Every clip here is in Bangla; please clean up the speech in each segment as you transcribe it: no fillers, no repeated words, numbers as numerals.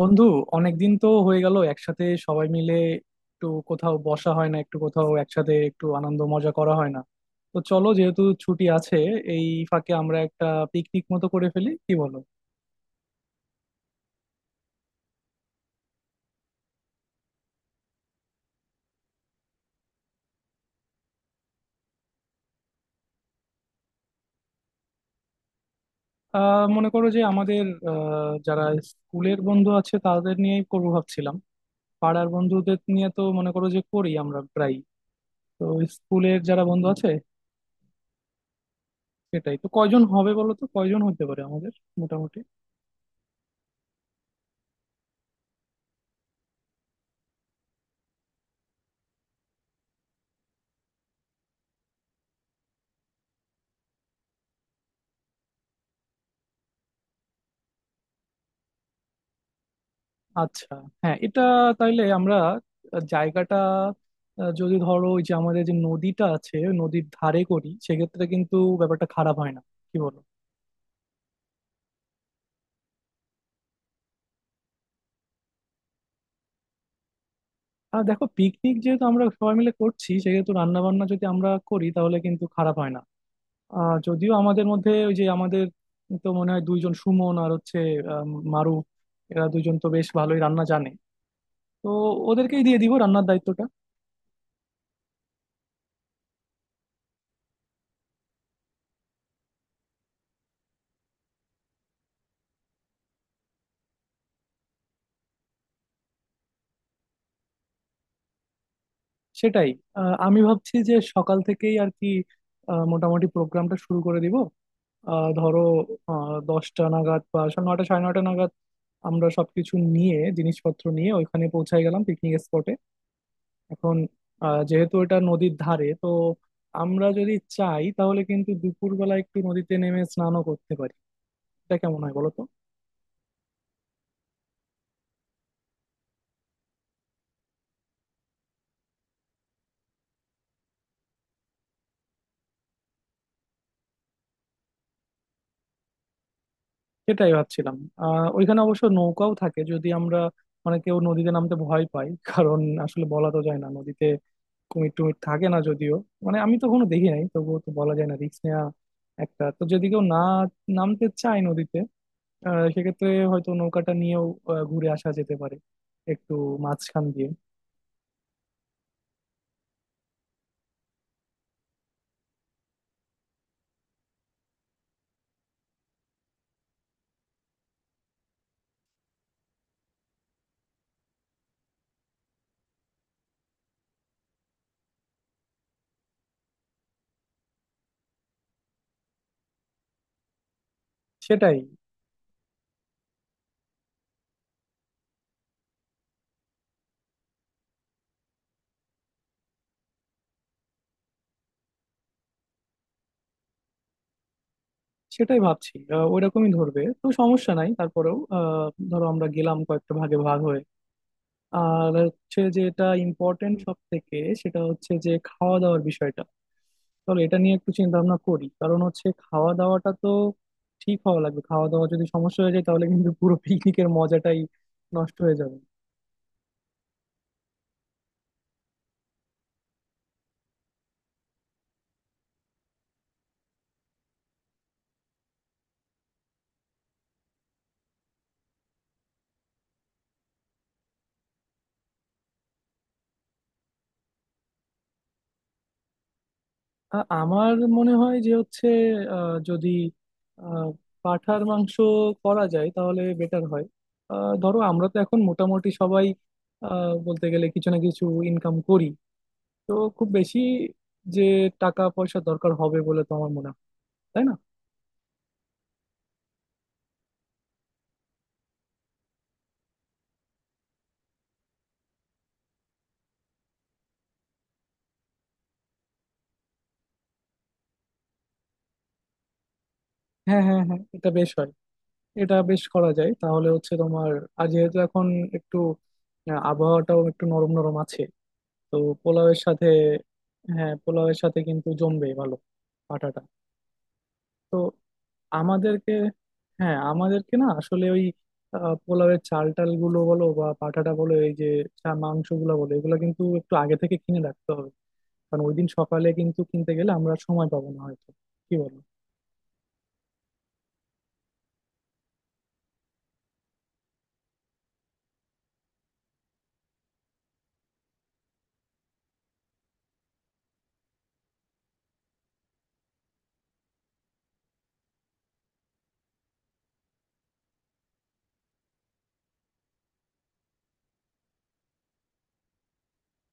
বন্ধু, অনেকদিন তো হয়ে গেল একসাথে সবাই মিলে একটু কোথাও বসা হয় না, একটু কোথাও একসাথে একটু আনন্দ মজা করা হয় না। তো চলো, যেহেতু ছুটি আছে এই ফাঁকে আমরা একটা পিকনিক মতো করে ফেলি, কি বলো? মনে করো যে আমাদের যারা স্কুলের বন্ধু আছে তাদের নিয়েই করবো ভাবছিলাম। পাড়ার বন্ধুদের নিয়ে তো মনে করো যে করি আমরা প্রায়। তো স্কুলের যারা বন্ধু আছে, সেটাই তো। কয়জন হবে বলো তো, কয়জন হতে পারে আমাদের মোটামুটি? আচ্ছা, হ্যাঁ এটা তাইলে আমরা জায়গাটা যদি ধরো ওই যে আমাদের যে নদীটা আছে ওই নদীর ধারে করি, সেক্ষেত্রে কিন্তু ব্যাপারটা খারাপ হয় না, কি বলো? আর দেখো, পিকনিক যেহেতু আমরা সবাই মিলে করছি সেহেতু রান্না বান্না যদি আমরা করি তাহলে কিন্তু খারাপ হয় না। যদিও আমাদের মধ্যে ওই যে আমাদের তো মনে হয় দুইজন, সুমন আর হচ্ছে আহ, মারুফ, এরা দুইজন তো বেশ ভালোই রান্না জানে। তো ওদেরকেই দিয়ে দিব রান্নার দায়িত্বটা। সেটাই। আমি ভাবছি যে সকাল থেকেই আর কি, মোটামুটি প্রোগ্রামটা শুরু করে দিব। ধরো 10টা নাগাদ বা 9টা সাড়ে 9টা নাগাদ আমরা সবকিছু নিয়ে জিনিসপত্র নিয়ে ওইখানে পৌঁছায় গেলাম পিকনিক স্পটে। এখন যেহেতু এটা নদীর ধারে তো আমরা যদি চাই তাহলে কিন্তু দুপুরবেলা একটু নদীতে নেমে স্নানও করতে পারি। এটা কেমন হয় বলো তো? সেটাই ভাবছিলাম। ওইখানে অবশ্য নৌকাও থাকে, যদি আমরা মানে কেউ নদীতে নামতে ভয় পায়, কারণ আসলে বলা তো যায় না, নদীতে কুমির টুমির থাকে না যদিও, মানে আমি তো কোনো দেখি নাই, তবুও তো বলা যায় না, রিস্ক নেওয়া। একটা তো যদি কেউ না নামতে চায় নদীতে, সেক্ষেত্রে হয়তো নৌকাটা নিয়েও ঘুরে আসা যেতে পারে একটু মাঝখান দিয়ে। সেটাই সেটাই ভাবছি। ওইরকমই ধরবে তো সমস্যা নাই, তারপরেও ধরো আমরা গেলাম কয়েকটা ভাগে ভাগ হয়ে। আর হচ্ছে যেটা ইম্পর্টেন্ট সব থেকে, সেটা হচ্ছে যে খাওয়া দাওয়ার বিষয়টা। চলো এটা নিয়ে একটু চিন্তা ভাবনা করি, কারণ হচ্ছে খাওয়া দাওয়াটা তো ঠিক হওয়া লাগবে। খাওয়া দাওয়া যদি সমস্যা হয়ে যায় তাহলে কিন্তু পুরো পিকনিকের মজাটাই নষ্ট হয়ে যাবে। আমার মনে হয় যে হচ্ছে যদি আহ, পাঁঠার মাংস করা যায় তাহলে বেটার হয়। ধরো আমরা তো এখন মোটামুটি সবাই বলতে গেলে কিছু না কিছু ইনকাম করি। তো খুব বেশি যে টাকা পয়সা দরকার হবে বলে তো আমার মনে হয়, তাই না? হ্যাঁ হ্যাঁ হ্যাঁ, এটা বেশ হয়। এটা বেশ করা যায়, তাহলে হচ্ছে তোমার। আর যেহেতু এখন একটু আবহাওয়াটাও একটু নরম নরম আছে, তো পোলাওয়ের সাথে। হ্যাঁ, পোলাওয়ের সাথে কিন্তু জমবে ভালো আটাটা। তো আমাদেরকে, হ্যাঁ আমাদেরকে না আসলে ওই পোলাওয়ের চাল টাল গুলো বলো বা পাঠাটা বলো, এই যে মাংস গুলো বলো, এগুলো কিন্তু একটু আগে থেকে কিনে রাখতে হবে, কারণ ওই দিন সকালে কিন্তু কিনতে গেলে আমরা সময় পাবো না হয়তো, কি বলো?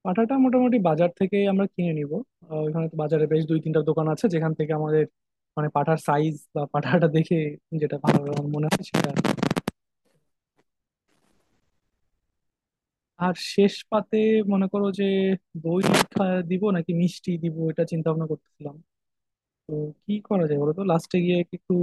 পাঠাটা মোটামুটি বাজার থেকে আমরা কিনে নিব। ওখানে তো বাজারে বেশ দুই তিনটা দোকান আছে, যেখান থেকে আমাদের মানে পাঠার সাইজ বা পাঠাটা দেখে যেটা ভালো আমার মনে হয় সেটা। আর শেষ পাতে মনে করো যে দই দিব নাকি মিষ্টি দিব, এটা চিন্তা ভাবনা করতেছিলাম। তো কি করা যায় বলো তো লাস্টে গিয়ে একটু?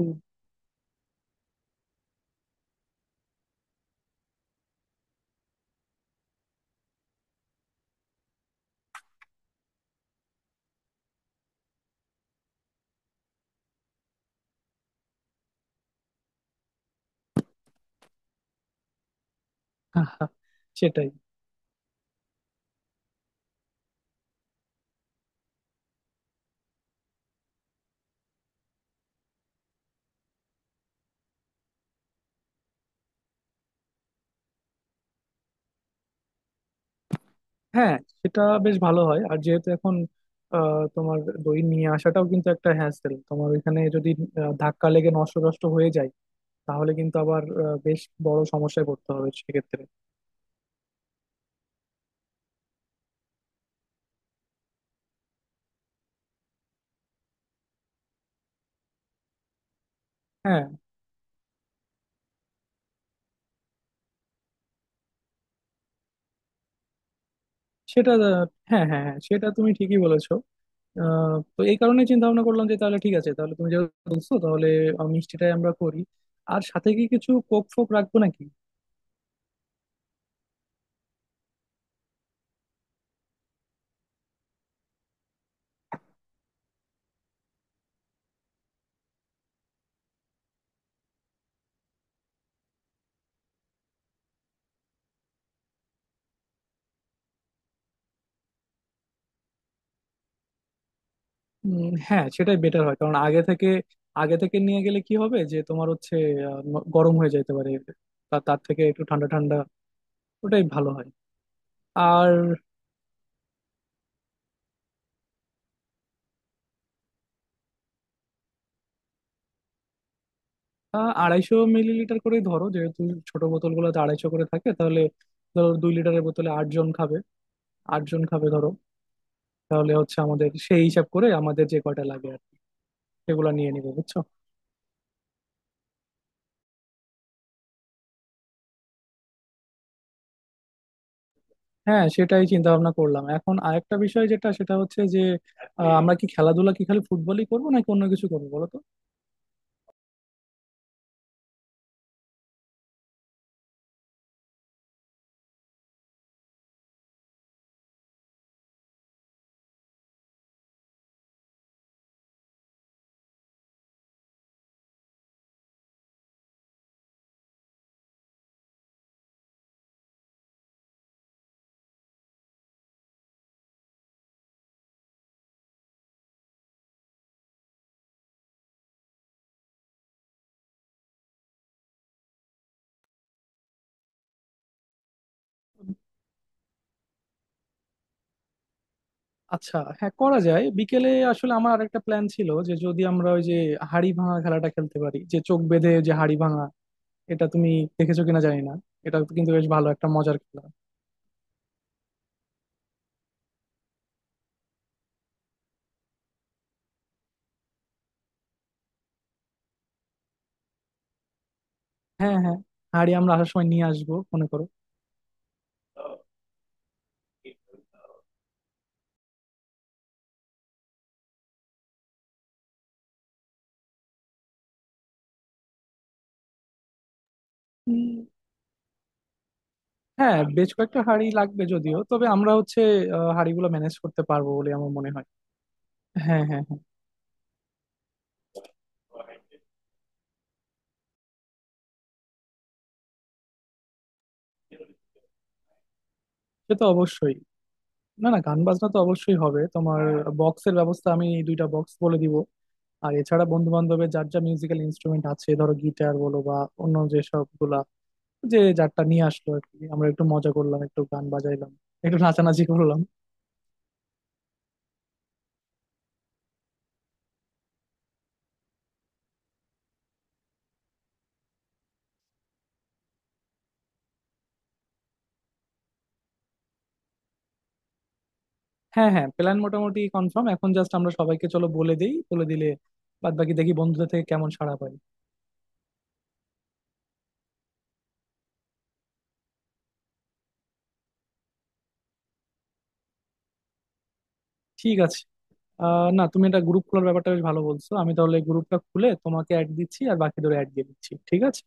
সেটাই। হ্যাঁ, সেটা বেশ ভালো হয়। আর যেহেতু এখন তোমার দই নিয়ে আসাটাও কিন্তু একটা হ্যাসেল, তোমার ওইখানে যদি ধাক্কা লেগে নষ্ট নষ্ট হয়ে যায় তাহলে কিন্তু আবার বেশ বড় সমস্যায় পড়তে হবে সেক্ষেত্রে। হ্যাঁ, সেটা আহ, হ্যাঁ হ্যাঁ হ্যাঁ, সেটা তুমি ঠিকই বলেছো। তো এই কারণে চিন্তা ভাবনা করলাম যে তাহলে ঠিক আছে, তাহলে তুমি যেহেতু বলছো তাহলে মিষ্টিটাই আমরা করি। আর সাথে কি কিছু কোক ফোক রাখবো নাকি? হ্যাঁ, সেটাই বেটার হয়, কারণ আগে থেকে নিয়ে গেলে কি হবে যে তোমার হচ্ছে গরম হয়ে যেতে পারে। তার থেকে একটু ঠান্ডা ঠান্ডা ওটাই ভালো হয়। আর 250 মিলিলিটার করেই ধরো, যেহেতু ছোট বোতলগুলোতে 250 করে থাকে। তাহলে ধরো 2 লিটারের বোতলে আট জন খাবে। ধরো তাহলে হচ্ছে আমাদের, সেই হিসাব করে আমাদের যে কয়টা লাগে আর সেগুলো নিয়ে নিবো, বুঝছো? হ্যাঁ সেটাই চিন্তা ভাবনা করলাম। এখন আরেকটা বিষয় যেটা, সেটা হচ্ছে যে আমরা কি খেলাধুলা কি খালি ফুটবলই করবো নাকি অন্য কিছু করবো বলো তো? আচ্ছা হ্যাঁ, করা যায় বিকেলে। আসলে আমার আরেকটা প্ল্যান ছিল যে যদি আমরা ওই যে হাড়ি ভাঙা খেলাটা খেলতে পারি, যে চোখ বেঁধে যে হাড়ি ভাঙা, এটা তুমি দেখেছো কিনা জানি না। এটা কিন্তু বেশ ভালো একটা মজার খেলা। হ্যাঁ হ্যাঁ, হাঁড়ি আমরা আসার সময় নিয়ে আসবো, মনে করো। হ্যাঁ, বেশ কয়েকটা হাঁড়ি লাগবে যদিও, তবে আমরা হচ্ছে হাঁড়িগুলো ম্যানেজ করতে পারবো বলে আমার মনে হয়। হ্যাঁ হ্যাঁ হ্যাঁ। সে তো অবশ্যই। না না, গান বাজনা তো অবশ্যই হবে তোমার। বক্সের ব্যবস্থা আমি, দুইটা বক্স বলে দিব। আর এছাড়া বন্ধু বান্ধবের যার যা মিউজিক্যাল ইনস্ট্রুমেন্ট আছে ধরো গিটার বলো বা অন্য যে সবগুলা, যে যারটা নিয়ে আসলো আর কি, আমরা একটু মজা করলাম, একটু গান বাজাইলাম, একটু নাচানাচি করলাম। হ্যাঁ হ্যাঁ, প্ল্যান মোটামুটি কনফার্ম। এখন জাস্ট আমরা সবাইকে চলো বলে দেই, বলে দিলে বাদ বাকি দেখি বন্ধুদের থেকে কেমন সাড়া পাই। ঠিক আছে, না, তুমি এটা গ্রুপ খোলার ব্যাপারটা বেশ ভালো বলছো। আমি তাহলে গ্রুপটা খুলে তোমাকে অ্যাড দিচ্ছি আর বাকিদের অ্যাড দিয়ে দিচ্ছি, ঠিক আছে?